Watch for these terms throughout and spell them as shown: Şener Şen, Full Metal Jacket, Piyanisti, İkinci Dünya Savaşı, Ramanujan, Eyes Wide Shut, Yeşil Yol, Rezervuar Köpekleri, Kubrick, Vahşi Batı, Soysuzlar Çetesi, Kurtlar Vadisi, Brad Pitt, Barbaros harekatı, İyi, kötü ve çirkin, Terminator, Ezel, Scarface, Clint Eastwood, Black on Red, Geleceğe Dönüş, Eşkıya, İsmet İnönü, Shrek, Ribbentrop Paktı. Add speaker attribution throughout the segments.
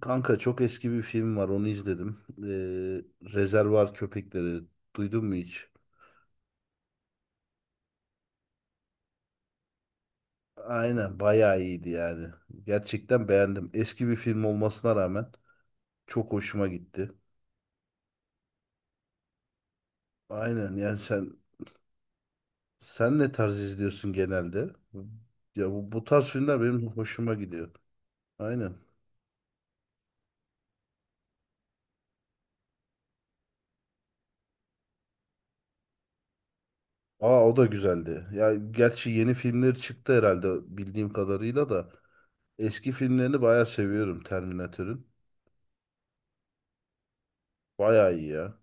Speaker 1: Kanka çok eski bir film var onu izledim. Rezervuar Köpekleri duydun mu hiç? Aynen bayağı iyiydi yani. Gerçekten beğendim. Eski bir film olmasına rağmen çok hoşuma gitti. Aynen yani sen ne tarz izliyorsun genelde? Ya bu tarz filmler benim hoşuma gidiyor. Aynen. Aa o da güzeldi. Ya gerçi yeni filmleri çıktı herhalde bildiğim kadarıyla da eski filmlerini bayağı seviyorum Terminator'ın. Bayağı iyi ya.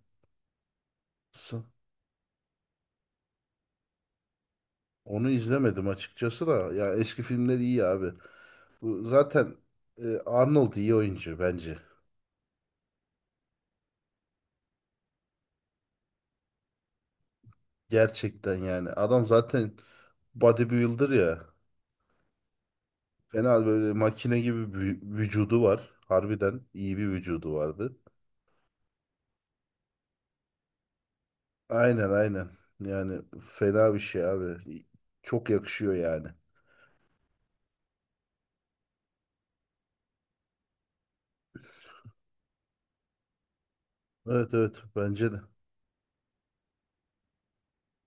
Speaker 1: Onu izlemedim açıkçası da. Ya eski filmler iyi abi. Bu zaten Arnold iyi oyuncu bence. Gerçekten yani. Adam zaten bodybuilder ya. Fena böyle makine gibi bir vücudu var. Harbiden iyi bir vücudu vardı. Aynen aynen. Yani fena bir şey abi. Çok yakışıyor yani. Evet evet bence de.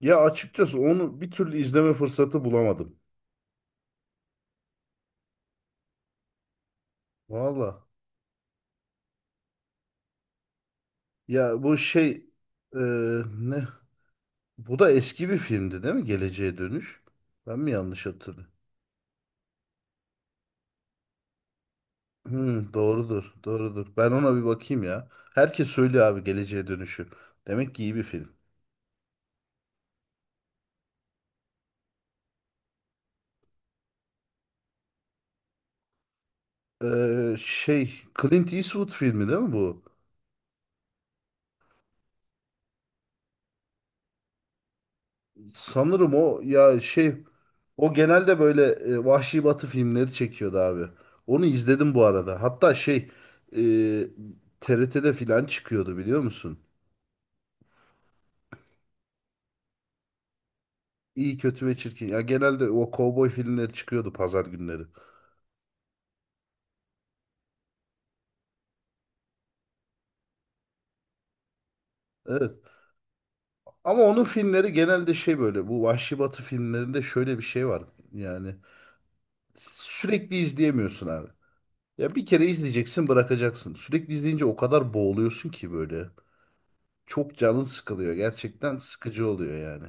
Speaker 1: Ya açıkçası onu bir türlü izleme fırsatı bulamadım. Valla. Ya bu şey e, ne? Bu da eski bir filmdi değil mi? Geleceğe Dönüş. Ben mi yanlış hatırlıyorum? Hmm, doğrudur, doğrudur. Ben ona bir bakayım ya. Herkes söylüyor abi Geleceğe Dönüş'ü. Demek ki iyi bir film. Şey, Clint Eastwood filmi değil mi bu? Sanırım o ya şey, o genelde böyle Vahşi Batı filmleri çekiyordu abi. Onu izledim bu arada. Hatta şey, e, TRT'de filan çıkıyordu biliyor musun? İyi, kötü ve çirkin. Ya genelde o kovboy filmleri çıkıyordu pazar günleri. Evet. Ama onun filmleri genelde şey böyle bu Vahşi Batı filmlerinde şöyle bir şey var. Yani sürekli izleyemiyorsun abi. Ya bir kere izleyeceksin bırakacaksın. Sürekli izleyince o kadar boğuluyorsun ki böyle. Çok canın sıkılıyor. Gerçekten sıkıcı oluyor yani.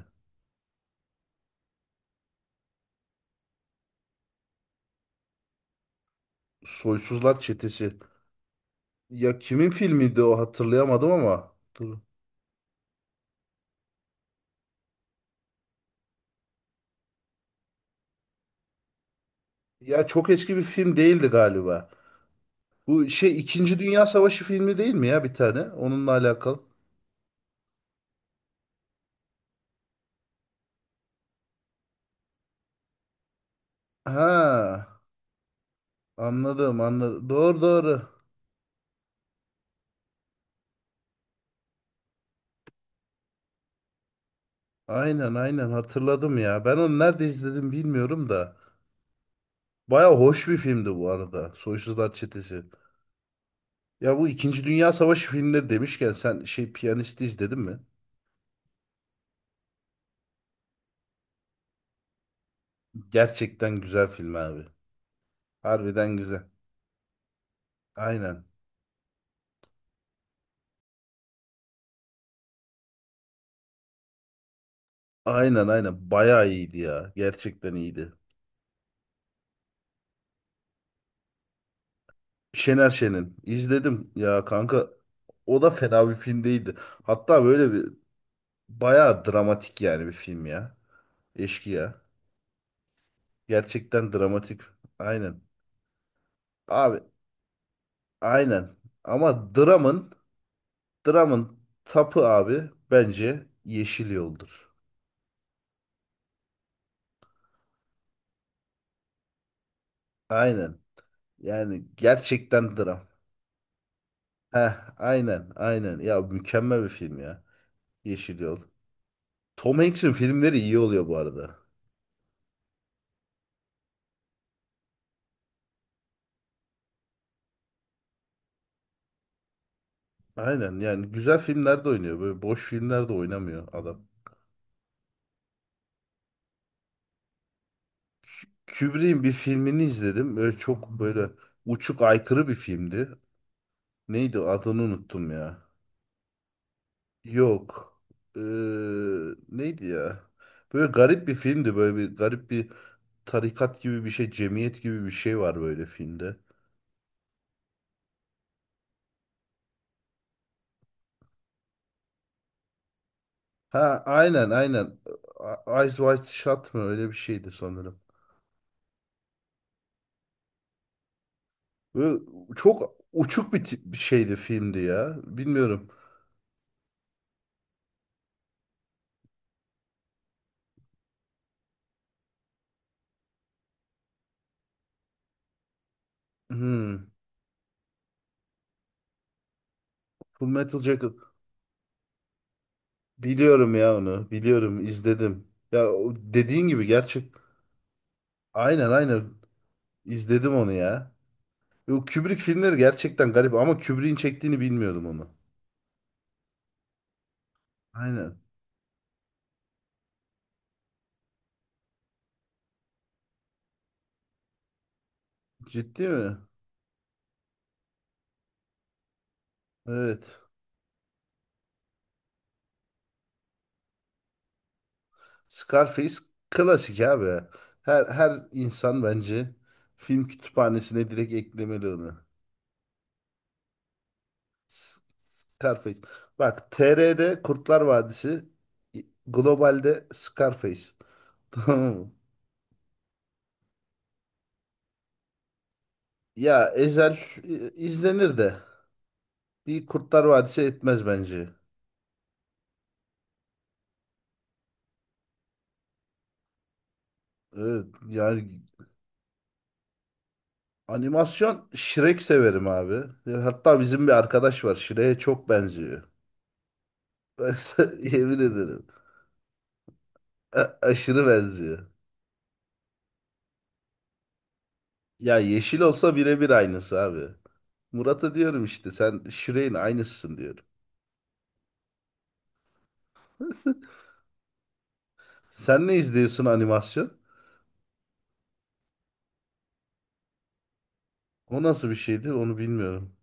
Speaker 1: Soysuzlar Çetesi. Ya kimin filmiydi o hatırlayamadım ama. Dur. Ya çok eski bir film değildi galiba. Bu şey İkinci Dünya Savaşı filmi değil mi ya bir tane? Onunla alakalı. Ha anladım anladım. Doğru doğru. Aynen aynen hatırladım ya. Ben onu nerede izledim bilmiyorum da. Baya hoş bir filmdi bu arada. Soysuzlar Çetesi. Ya bu İkinci Dünya Savaşı filmleri demişken sen şey Piyanisti izledin mi? Gerçekten güzel film abi. Harbiden güzel. Aynen. Aynen aynen. Baya iyiydi ya. Gerçekten iyiydi. Şener Şen'in izledim ya kanka. O da fena bir film değildi. Hatta böyle bir baya dramatik yani bir film ya. Eşkıya. Gerçekten dramatik. Aynen. Abi aynen. Ama Dram'ın tapı abi bence Yeşil Yol'dur. Aynen. Yani gerçekten dram. Heh, aynen, aynen. Ya mükemmel bir film ya. Yeşil Yol. Tom Hanks'in filmleri iyi oluyor bu arada. Aynen yani güzel filmlerde oynuyor. Böyle boş filmlerde oynamıyor adam. Kü- Kubrick'in bir filmini izledim. Böyle çok böyle uçuk aykırı bir filmdi. Neydi adını unuttum ya. Yok. Ee, neydi ya? Böyle garip bir filmdi. Böyle bir garip bir tarikat gibi bir şey, cemiyet gibi bir şey var böyle filmde. Ha aynen aynen. Eyes Wide Shut mı? Öyle bir şeydi sanırım. Böyle çok uçuk bir, bir şeydi filmdi ya. Bilmiyorum. Hmm. Full Metal Jacket. Biliyorum ya onu. Biliyorum izledim. Ya o dediğin gibi gerçek. Aynen aynen. izledim onu ya. Yo, Kubrick filmleri gerçekten garip ama Kubrick'in çektiğini bilmiyordum onu. Aynen. Ciddi mi? Evet. Scarface klasik abi. Her insan bence film kütüphanesine direkt eklemeli onu. S- Scarface. Bak TR'de Kurtlar Vadisi, globalde Scarface. Tamam mı? Ya Ezel izlenir de bir Kurtlar Vadisi etmez bence. Evet, yani animasyon Shrek severim abi. E, hatta bizim bir arkadaş var. Shrek'e çok benziyor. Ben sana yemin ederim. Aşırı benziyor. Ya yeşil olsa birebir aynısı abi. Murat'a diyorum işte sen Shrek'in aynısısın diyorum. Sen ne izliyorsun animasyon? O nasıl bir şeydi onu bilmiyorum.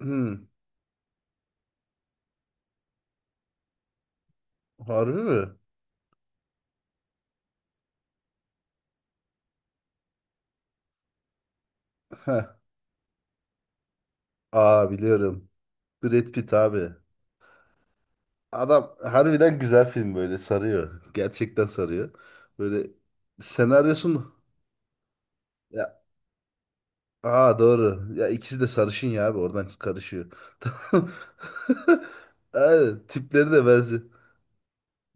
Speaker 1: Hmm, harbi mi? Heh. Aa biliyorum. Brad Pitt abi. Adam harbiden güzel film böyle sarıyor. Gerçekten sarıyor. Böyle senaryosun aa doğru. Ya ikisi de sarışın ya abi oradan karışıyor. Tamam. Aynen, tipleri de benziyor.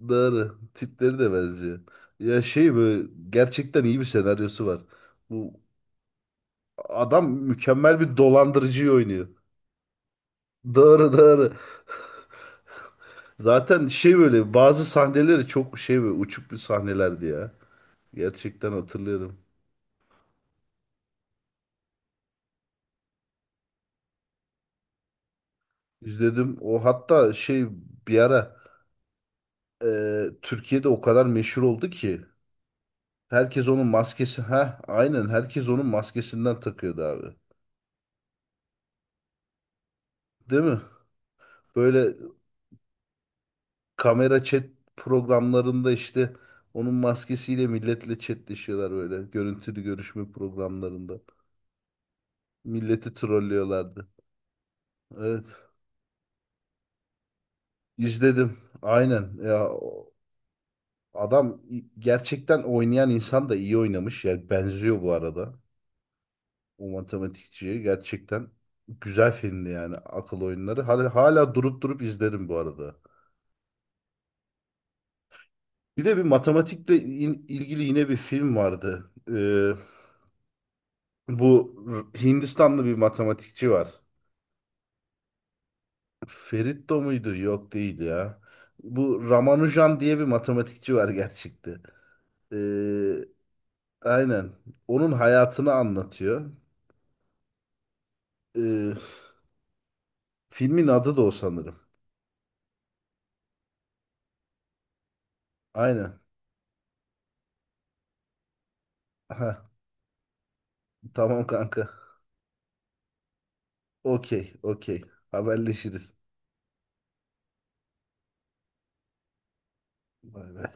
Speaker 1: Doğru. Tipleri de benziyor. Ya şey böyle gerçekten iyi bir senaryosu var. Bu adam mükemmel bir dolandırıcıyı oynuyor. Doğru doğru. Zaten şey böyle bazı sahneleri çok şey böyle uçuk bir sahnelerdi ya. Gerçekten hatırlıyorum. İzledim. O hatta şey bir ara Türkiye'de o kadar meşhur oldu ki herkes onun maskesi ha aynen herkes onun maskesinden takıyordu abi. Değil mi? Böyle kamera chat programlarında işte onun maskesiyle milletle chatleşiyorlar böyle. Görüntülü görüşme programlarında. Milleti trollüyorlardı. Evet. İzledim. Aynen. Ya adam gerçekten oynayan insan da iyi oynamış. Yani benziyor bu arada. O matematikçiye gerçekten güzel filmdi yani akıl oyunları. Hala, hala durup durup izlerim bu arada. Bir de bir matematikle ilgili yine bir film vardı. Bu Hindistanlı bir matematikçi var. Feritto muydu? Yok değil ya. Bu Ramanujan diye bir matematikçi var gerçekte. Ee, aynen. Onun hayatını anlatıyor. Ee, filmin adı da o sanırım. Aynen. Ha, tamam kanka. Okey, okey. Haberleşiriz. Bay bay.